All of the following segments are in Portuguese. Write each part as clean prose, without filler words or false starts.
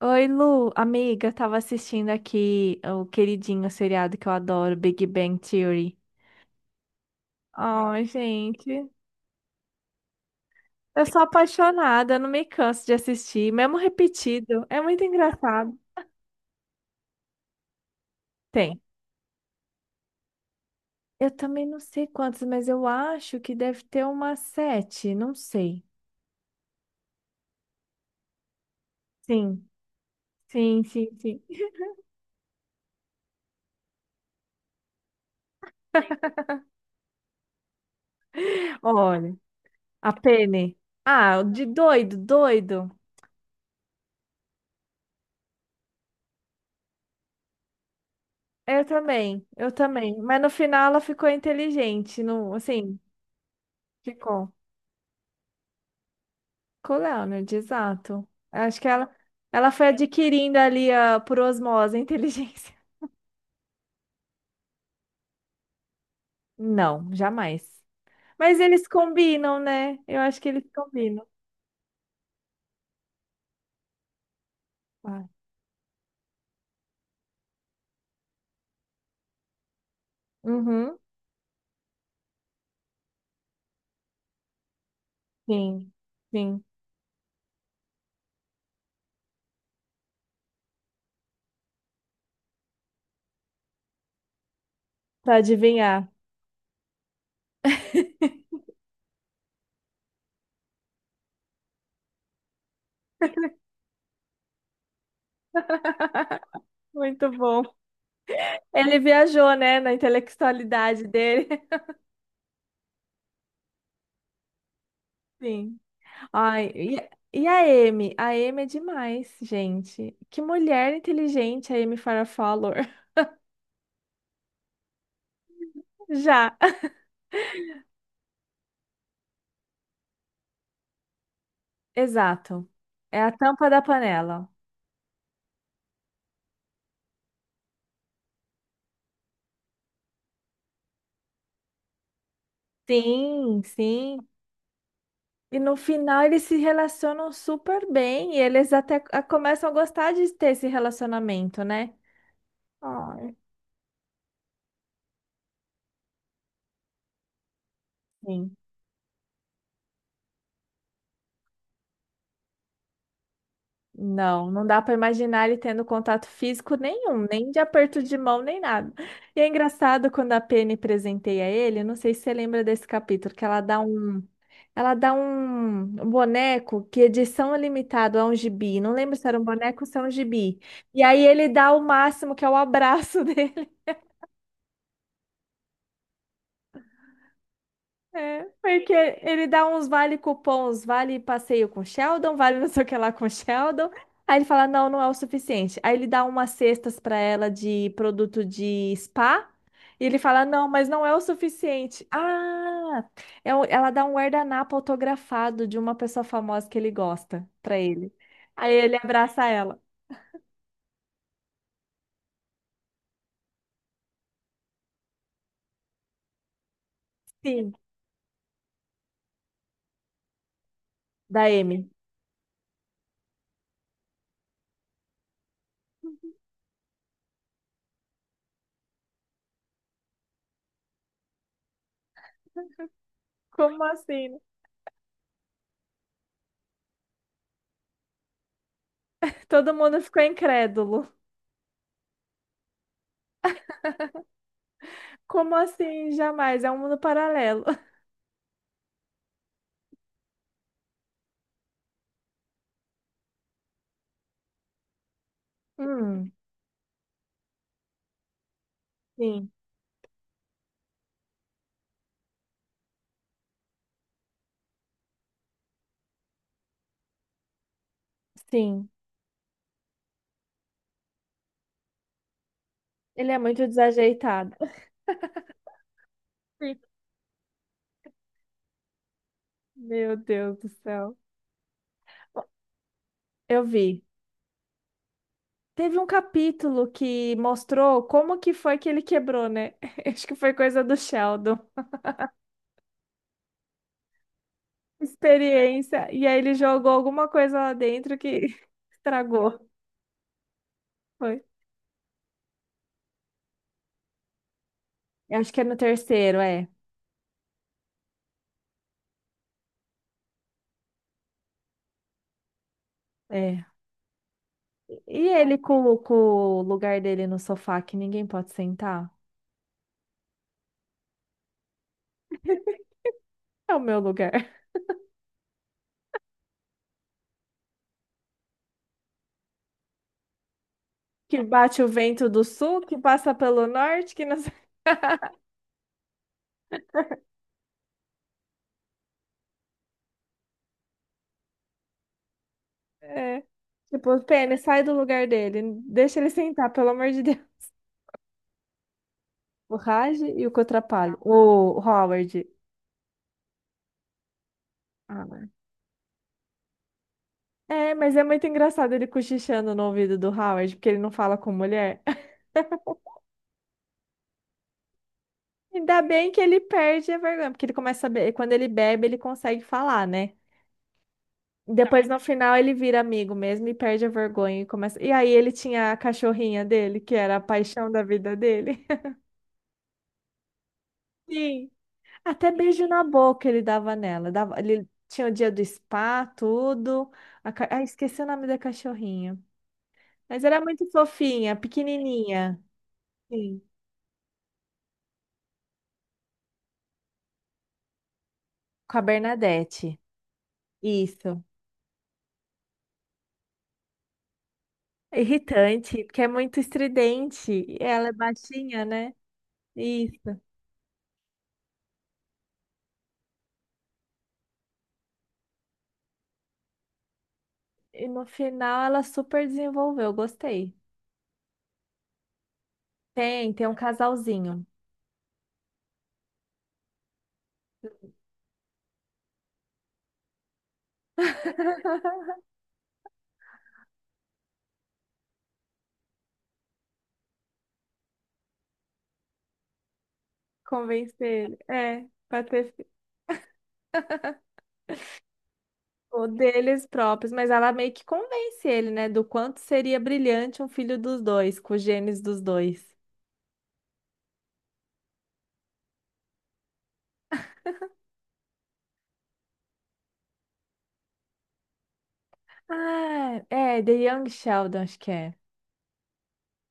Oi, Lu, amiga, tava assistindo aqui o queridinho seriado que eu adoro, Big Bang Theory. Ai, gente, eu sou apaixonada, eu não me canso de assistir, mesmo repetido, é muito engraçado. Tem. Eu também não sei quantos, mas eu acho que deve ter umas sete, não sei. Sim, sim, sim, sim. Olha, a Penny. Ah, de doido, doido. Eu também, eu também. Mas no final ela ficou inteligente, não, assim, ficou. Com o Leonard, exato. Acho que ela foi adquirindo ali a, por osmose a inteligência. Não, jamais. Mas eles combinam, né? Eu acho que eles combinam. Ah, uhum, sim, sim. Pra adivinhar. Muito bom. Ele viajou, né, na intelectualidade dele. Sim. Ai, e a Amy? A Amy é demais, gente. Que mulher inteligente a Amy Farrah Fowler. Já. Exato. É a tampa da panela. Sim, sim. E no final eles se relacionam super bem e eles até ah, começam a gostar de ter esse relacionamento, né? Ai, sim. Não, não dá para imaginar ele tendo contato físico nenhum, nem de aperto de mão, nem nada. E é engraçado quando a Penny presenteia ele, não sei se você lembra desse capítulo, que ela dá um. Ela dá um boneco que edição é limitado a um gibi. Não lembro se era um boneco ou se é um gibi. E aí ele dá o máximo, que é o abraço dele. É, porque ele dá uns vale cupons, vale passeio com Sheldon, vale não sei o que lá com Sheldon. Aí ele fala, não, não é o suficiente. Aí ele dá umas cestas para ela de produto de spa. E ele fala, não, mas não é o suficiente. Ah, é o- ela dá um guardanapo autografado de uma pessoa famosa que ele gosta para ele. Aí ele abraça ela. Sim, da Amy. Como assim? Todo mundo ficou incrédulo. Como assim? Jamais, é um mundo paralelo. Hum. Sim, sim. Ele é muito desajeitado. Sim. Meu Deus do céu. Eu vi. Teve um capítulo que mostrou como que foi que ele quebrou, né? Acho que foi coisa do Sheldon. Experiência. E aí ele jogou alguma coisa lá dentro que estragou. Foi. Eu acho que é no terceiro, é. É. E ele com o lugar dele no sofá que ninguém pode sentar? É o meu lugar. Que bate o vento do sul, que passa pelo norte, que não. É. Tipo, o pênis, sai do lugar dele. Deixa ele sentar, pelo amor de Deus. O Raj e o Cotrapalho. O Howard. Ah, né? É, mas é muito engraçado ele cochichando no ouvido do Howard, porque ele não fala com mulher. Ainda bem que ele perde a vergonha, porque ele começa a be... quando ele bebe, ele consegue falar, né? Então, depois, no final, ele vira amigo mesmo e perde a vergonha e começa. E aí ele tinha a cachorrinha dele, que era a paixão da vida dele. Sim. Até beijo na boca ele dava nela. Dava, ele tinha o dia do spa, tudo. A, ca- ah, esqueci o nome da cachorrinha. Mas era muito fofinha, pequenininha. Sim. Com a Bernadette. Isso. Irritante, porque é muito estridente. E ela é baixinha, né? Isso. E no final ela super desenvolveu, gostei. Tem, tem um casalzinho. Convencer, é, para ter o deles próprios, mas ela meio que convence ele, né, do quanto seria brilhante um filho dos dois, com os genes dos dois. Ah, é, The Young Sheldon, acho que é.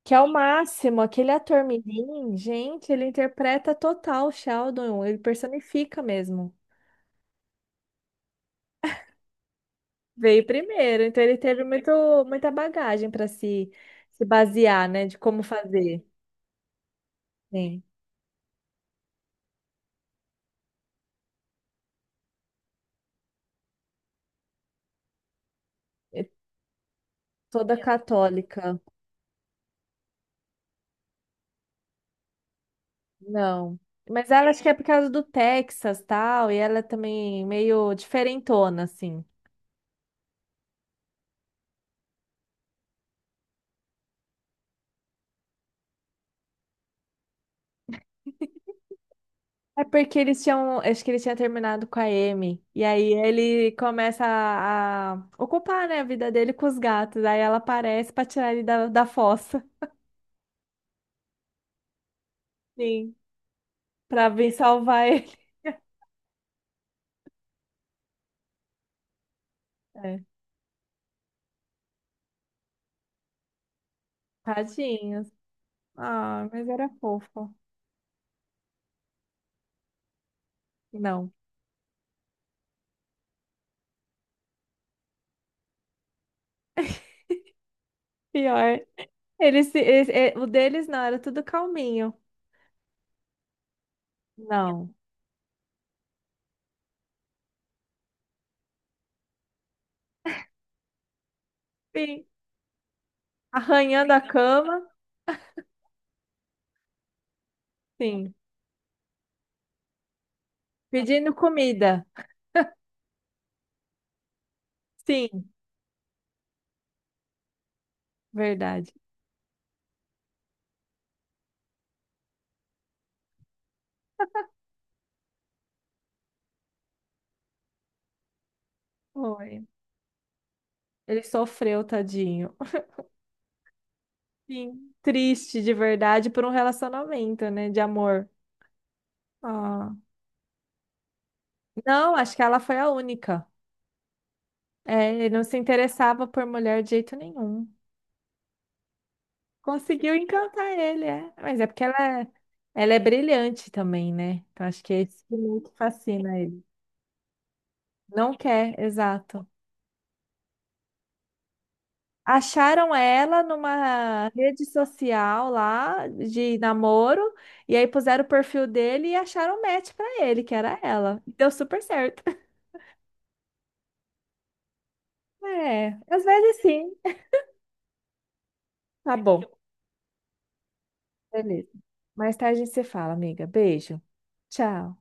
Que é o máximo, aquele ator mirim, gente, ele interpreta total o Sheldon, ele personifica mesmo. Veio primeiro, então ele teve muito, muita bagagem para se, se basear, né, de como fazer. Sim, é toda católica. Não. Mas ela acho que é por causa do Texas, tal, e ela é também meio diferentona, assim. É porque eles tinham, acho que ele tinha terminado com a Amy, e aí ele começa a ocupar, né, a vida dele com os gatos, aí ela aparece pra tirar ele da fossa, sim, pra vir salvar ele. É, tadinhos. Ah, mas era fofo. Não, pior. Eles, se- eles- é, o deles não, era tudo calminho. Não. Sim, arranhando a cama, sim. Pedindo comida. Sim, verdade. Foi. Ele sofreu, tadinho. Sim, triste de verdade por um relacionamento, né, de amor. Ah. Não, acho que ela foi a única. É, ele não se interessava por mulher de jeito nenhum. Conseguiu encantar ele, é. Mas é porque é, ela é brilhante também, né? Então acho que é isso que muito fascina ele. Não quer, exato. Acharam ela numa rede social lá de namoro, e aí puseram o perfil dele e acharam o match pra ele, que era ela. Deu super certo. É, às vezes sim. Tá bom, beleza. Mais tarde a gente se fala, amiga. Beijo. Tchau.